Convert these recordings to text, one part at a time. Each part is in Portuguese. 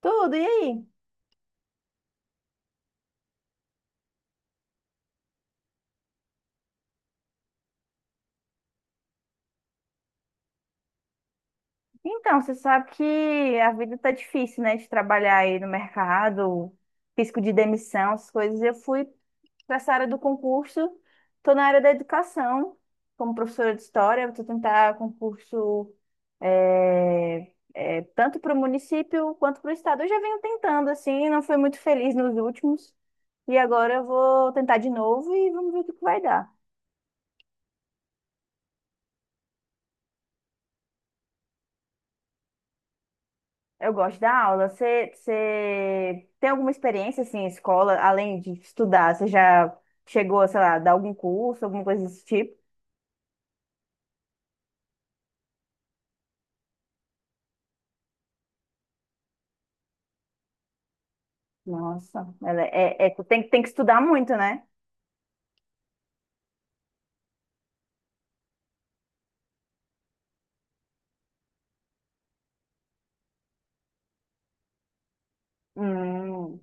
Tudo, e aí? Então, você sabe que a vida tá difícil, né? De trabalhar aí no mercado, risco de demissão, essas coisas. Eu fui para essa área do concurso, tô na área da educação, como professora de história, eu vou tentar concurso tanto para o município quanto para o estado. Eu já venho tentando, assim, não fui muito feliz nos últimos, e agora eu vou tentar de novo e vamos ver o que que vai dar. Eu gosto da aula. Você tem alguma experiência assim, em escola, além de estudar? Você já chegou, sei lá, a dar algum curso, alguma coisa desse tipo? Nossa, ela tem que estudar muito, né? Hum.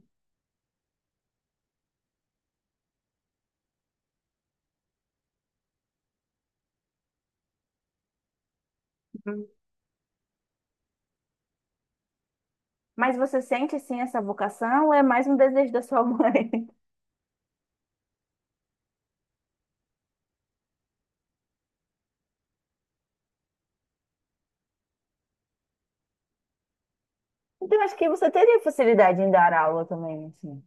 Mas você sente assim essa vocação ou é mais um desejo da sua mãe? Então, acho que você teria facilidade em dar aula também, assim.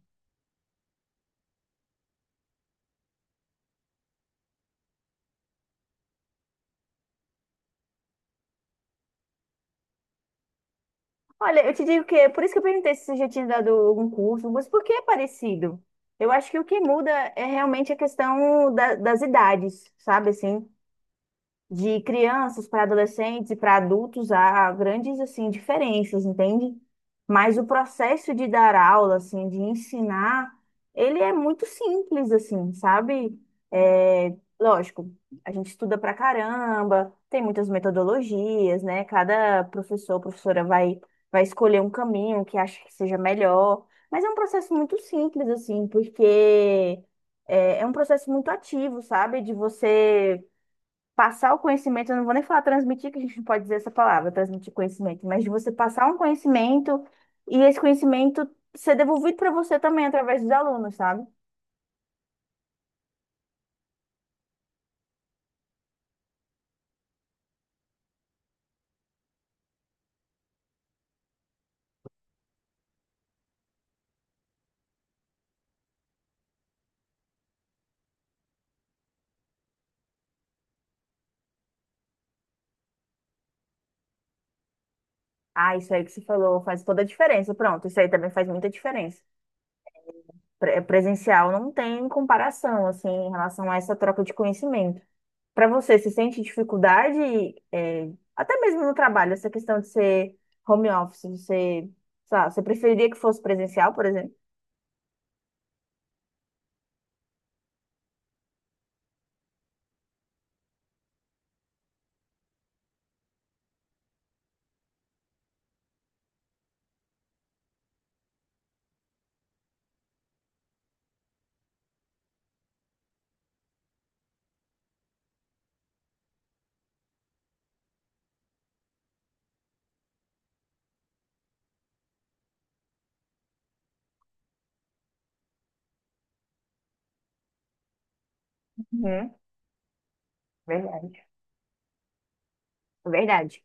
Olha, eu te digo que é por isso que eu perguntei se você já tinha dado algum curso, mas por que é parecido? Eu acho que o que muda é realmente a questão das idades, sabe assim? De crianças para adolescentes e para adultos há grandes assim diferenças, entende? Mas o processo de dar aula, assim, de ensinar, ele é muito simples, assim, sabe? É, lógico, a gente estuda pra caramba, tem muitas metodologias, né? Cada professor, professora vai vai escolher um caminho que acha que seja melhor, mas é um processo muito simples, assim, porque é um processo muito ativo, sabe? De você passar o conhecimento, eu não vou nem falar transmitir, que a gente não pode dizer essa palavra, transmitir conhecimento, mas de você passar um conhecimento e esse conhecimento ser devolvido para você também através dos alunos, sabe? Ah, isso aí que você falou faz toda a diferença. Pronto, isso aí também faz muita diferença. Presencial não tem comparação, assim, em relação a essa troca de conhecimento. Para você, você sente dificuldade, até mesmo no trabalho, essa questão de ser home office, você, sei lá, você preferiria que fosse presencial, por exemplo? Uhum, verdade. Verdade.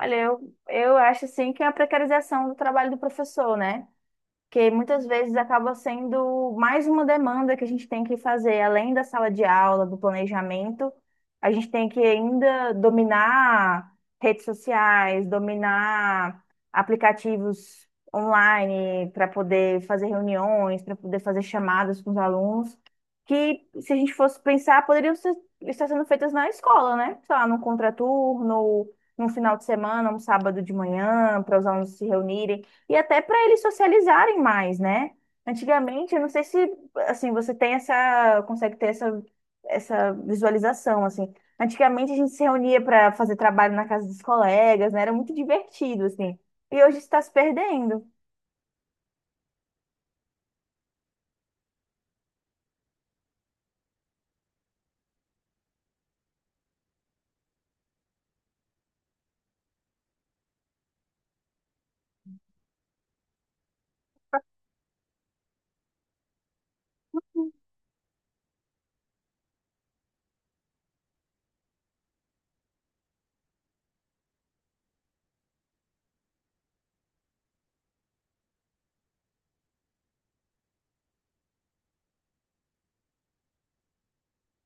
Olha, eu acho assim que é a precarização do trabalho do professor, né? Que muitas vezes acaba sendo mais uma demanda que a gente tem que fazer, além da sala de aula, do planejamento, a gente tem que ainda dominar redes sociais, dominar aplicativos online para poder fazer reuniões, para poder fazer chamadas com os alunos, que se a gente fosse pensar, poderiam ser, estar sendo feitas na escola, né? Sei lá, num contraturno, num final de semana, um sábado de manhã, para os alunos se reunirem e até para eles socializarem mais, né? Antigamente, eu não sei se assim você tem essa, consegue ter essa, essa visualização assim. Antigamente a gente se reunia para fazer trabalho na casa dos colegas, né? Era muito divertido assim. E hoje está se perdendo.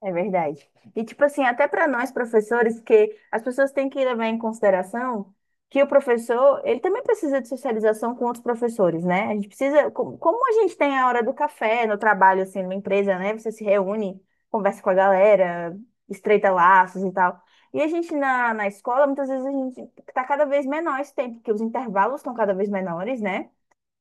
É verdade. E, tipo assim, até para nós professores, que as pessoas têm que levar em consideração que o professor, ele também precisa de socialização com outros professores, né? A gente precisa, como a gente tem a hora do café no trabalho, assim, numa empresa, né? Você se reúne, conversa com a galera, estreita laços e tal. E a gente na escola, muitas vezes a gente tá cada vez menor esse tempo, porque os intervalos estão cada vez menores, né?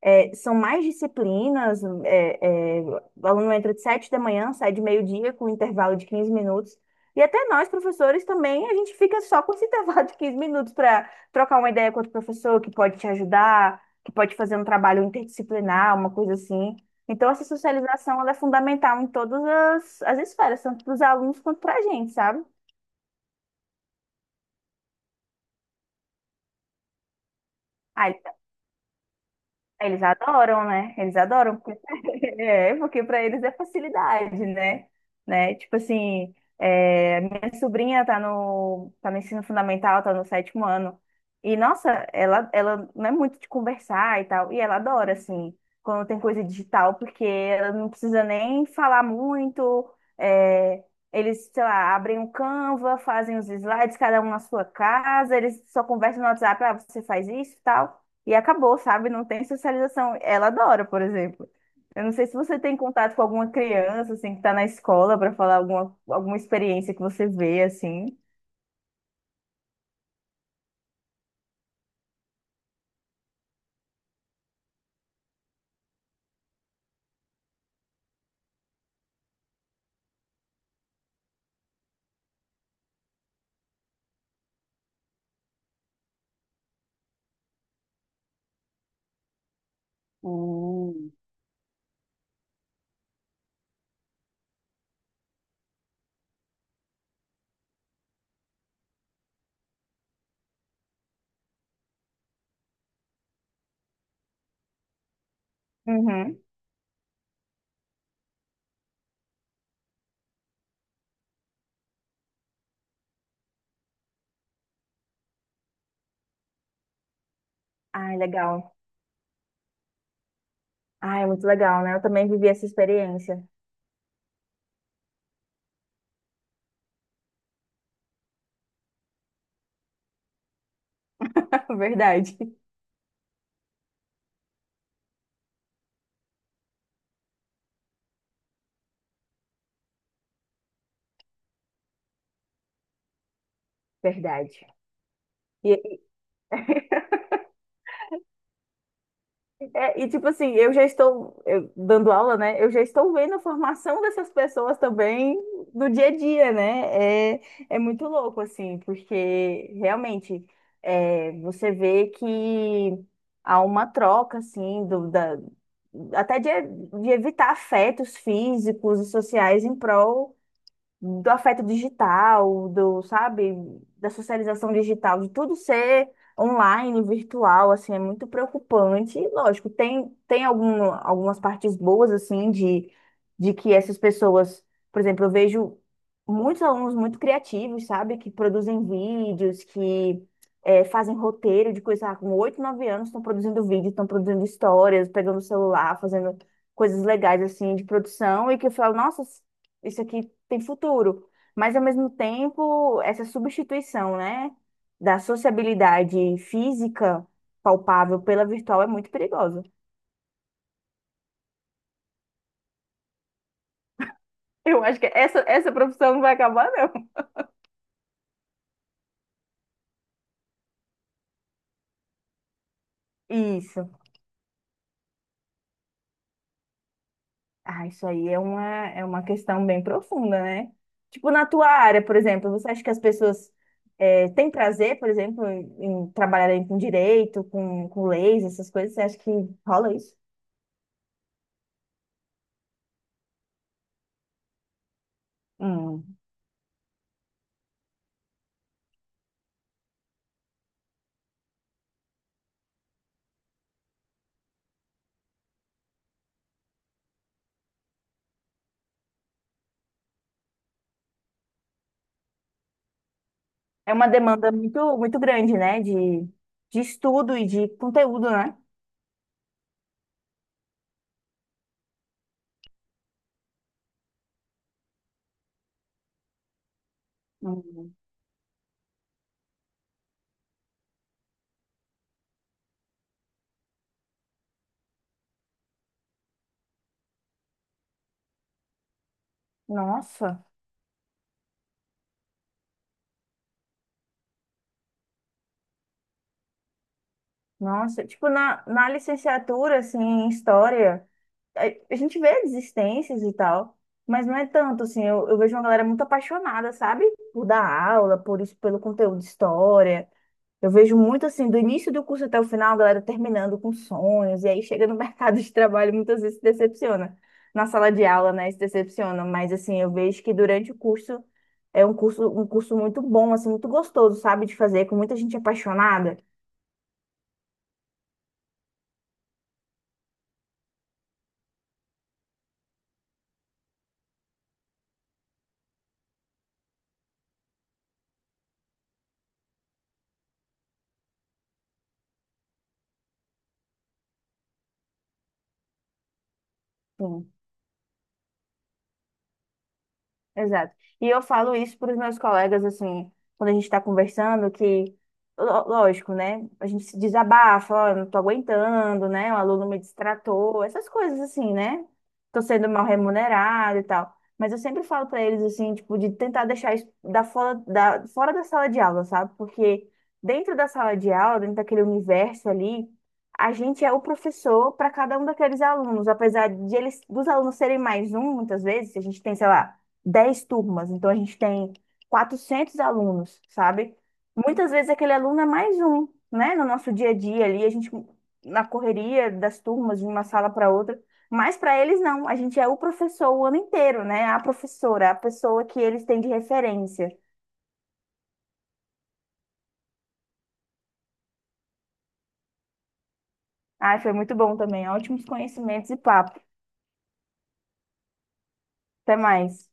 É, são mais disciplinas, o aluno entra de 7 da manhã, sai de meio-dia com um intervalo de 15 minutos. E até nós, professores, também, a gente fica só com esse intervalo de 15 minutos para trocar uma ideia com outro professor que pode te ajudar, que pode fazer um trabalho interdisciplinar, uma coisa assim. Então, essa socialização ela é fundamental em todas as esferas, tanto para os alunos quanto para a gente, sabe? Ah, eles adoram, né? Eles adoram, porque, é, porque para eles é facilidade, né? Né? Tipo assim, é, minha sobrinha tá no ensino fundamental, tá no sétimo ano. E, nossa, ela não é muito de conversar e tal. E ela adora, assim, quando tem coisa digital, porque ela não precisa nem falar muito. É, eles, sei lá, abrem o Canva, fazem os slides, cada um na sua casa, eles só conversam no WhatsApp, ah, você faz isso e tal. E acabou, sabe? Não tem socialização. Ela adora, por exemplo. Eu não sei se você tem contato com alguma criança, assim, que está na escola para falar alguma experiência que você vê, assim. Hum. Uhum. Ai, legal. Ai, é muito legal, né? Eu também vivi essa experiência. Verdade. Verdade. E aí? É, e tipo assim, eu já estou dando aula, né? Eu já estou vendo a formação dessas pessoas também no dia a dia, né? É, é muito louco, assim, porque realmente é, você vê que há uma troca, assim, até de evitar afetos físicos e sociais em prol do afeto digital, do, sabe, da socialização digital, de tudo ser online, virtual, assim, é muito preocupante. E, lógico, tem, tem algum, algumas partes boas, assim, de que essas pessoas, por exemplo, eu vejo muitos alunos muito criativos, sabe, que produzem vídeos, que fazem roteiro de coisa, ah, com 8, 9 anos estão produzindo vídeo, estão produzindo histórias, pegando o celular, fazendo coisas legais, assim, de produção, e que eu falo, nossa, isso aqui tem futuro. Mas, ao mesmo tempo, essa substituição, né, da sociabilidade física palpável pela virtual é muito perigosa. Eu acho que essa profissão não vai acabar, não. Isso. Ah, isso aí é uma questão bem profunda, né? Tipo, na tua área, por exemplo, você acha que as pessoas têm prazer, por exemplo, em, em trabalharem com direito, com leis, essas coisas? Você acha que rola isso? Hum. É uma demanda muito, muito grande, né? De estudo e de conteúdo, né? Uhum. Nossa, nossa. Tipo, na, na licenciatura, assim, em história, a, a gente vê desistências e tal, mas não é tanto, assim. Eu vejo uma galera muito apaixonada, sabe? Por dar aula, por isso, pelo conteúdo de história. Eu vejo muito assim, do início do curso até o final, a galera terminando com sonhos, e aí chega no mercado de trabalho, e muitas vezes se decepciona. Na sala de aula, né, se decepciona, mas assim, eu vejo que durante o curso é um curso muito bom, assim, muito gostoso, sabe, de fazer, com muita gente apaixonada. Exato. E eu falo isso para os meus colegas, assim, quando a gente está conversando, que, lógico, né? A gente se desabafa, ó, eu não tô aguentando, né? O aluno me destratou, essas coisas assim, né? Tô sendo mal remunerado e tal. Mas eu sempre falo para eles, assim, tipo, de tentar deixar isso fora da sala de aula, sabe? Porque dentro da sala de aula, dentro daquele universo ali, a gente é o professor para cada um daqueles alunos, apesar de eles, dos alunos serem mais um, muitas vezes, a gente tem, sei lá, 10 turmas, então a gente tem 400 alunos, sabe? Muitas vezes aquele aluno é mais um, né? No nosso dia a dia ali, a gente na correria das turmas, de uma sala para outra, mas para eles não, a gente é o professor o ano inteiro, né? A professora, a pessoa que eles têm de referência. Ai, foi muito bom também, ótimos conhecimentos e papo. Até mais.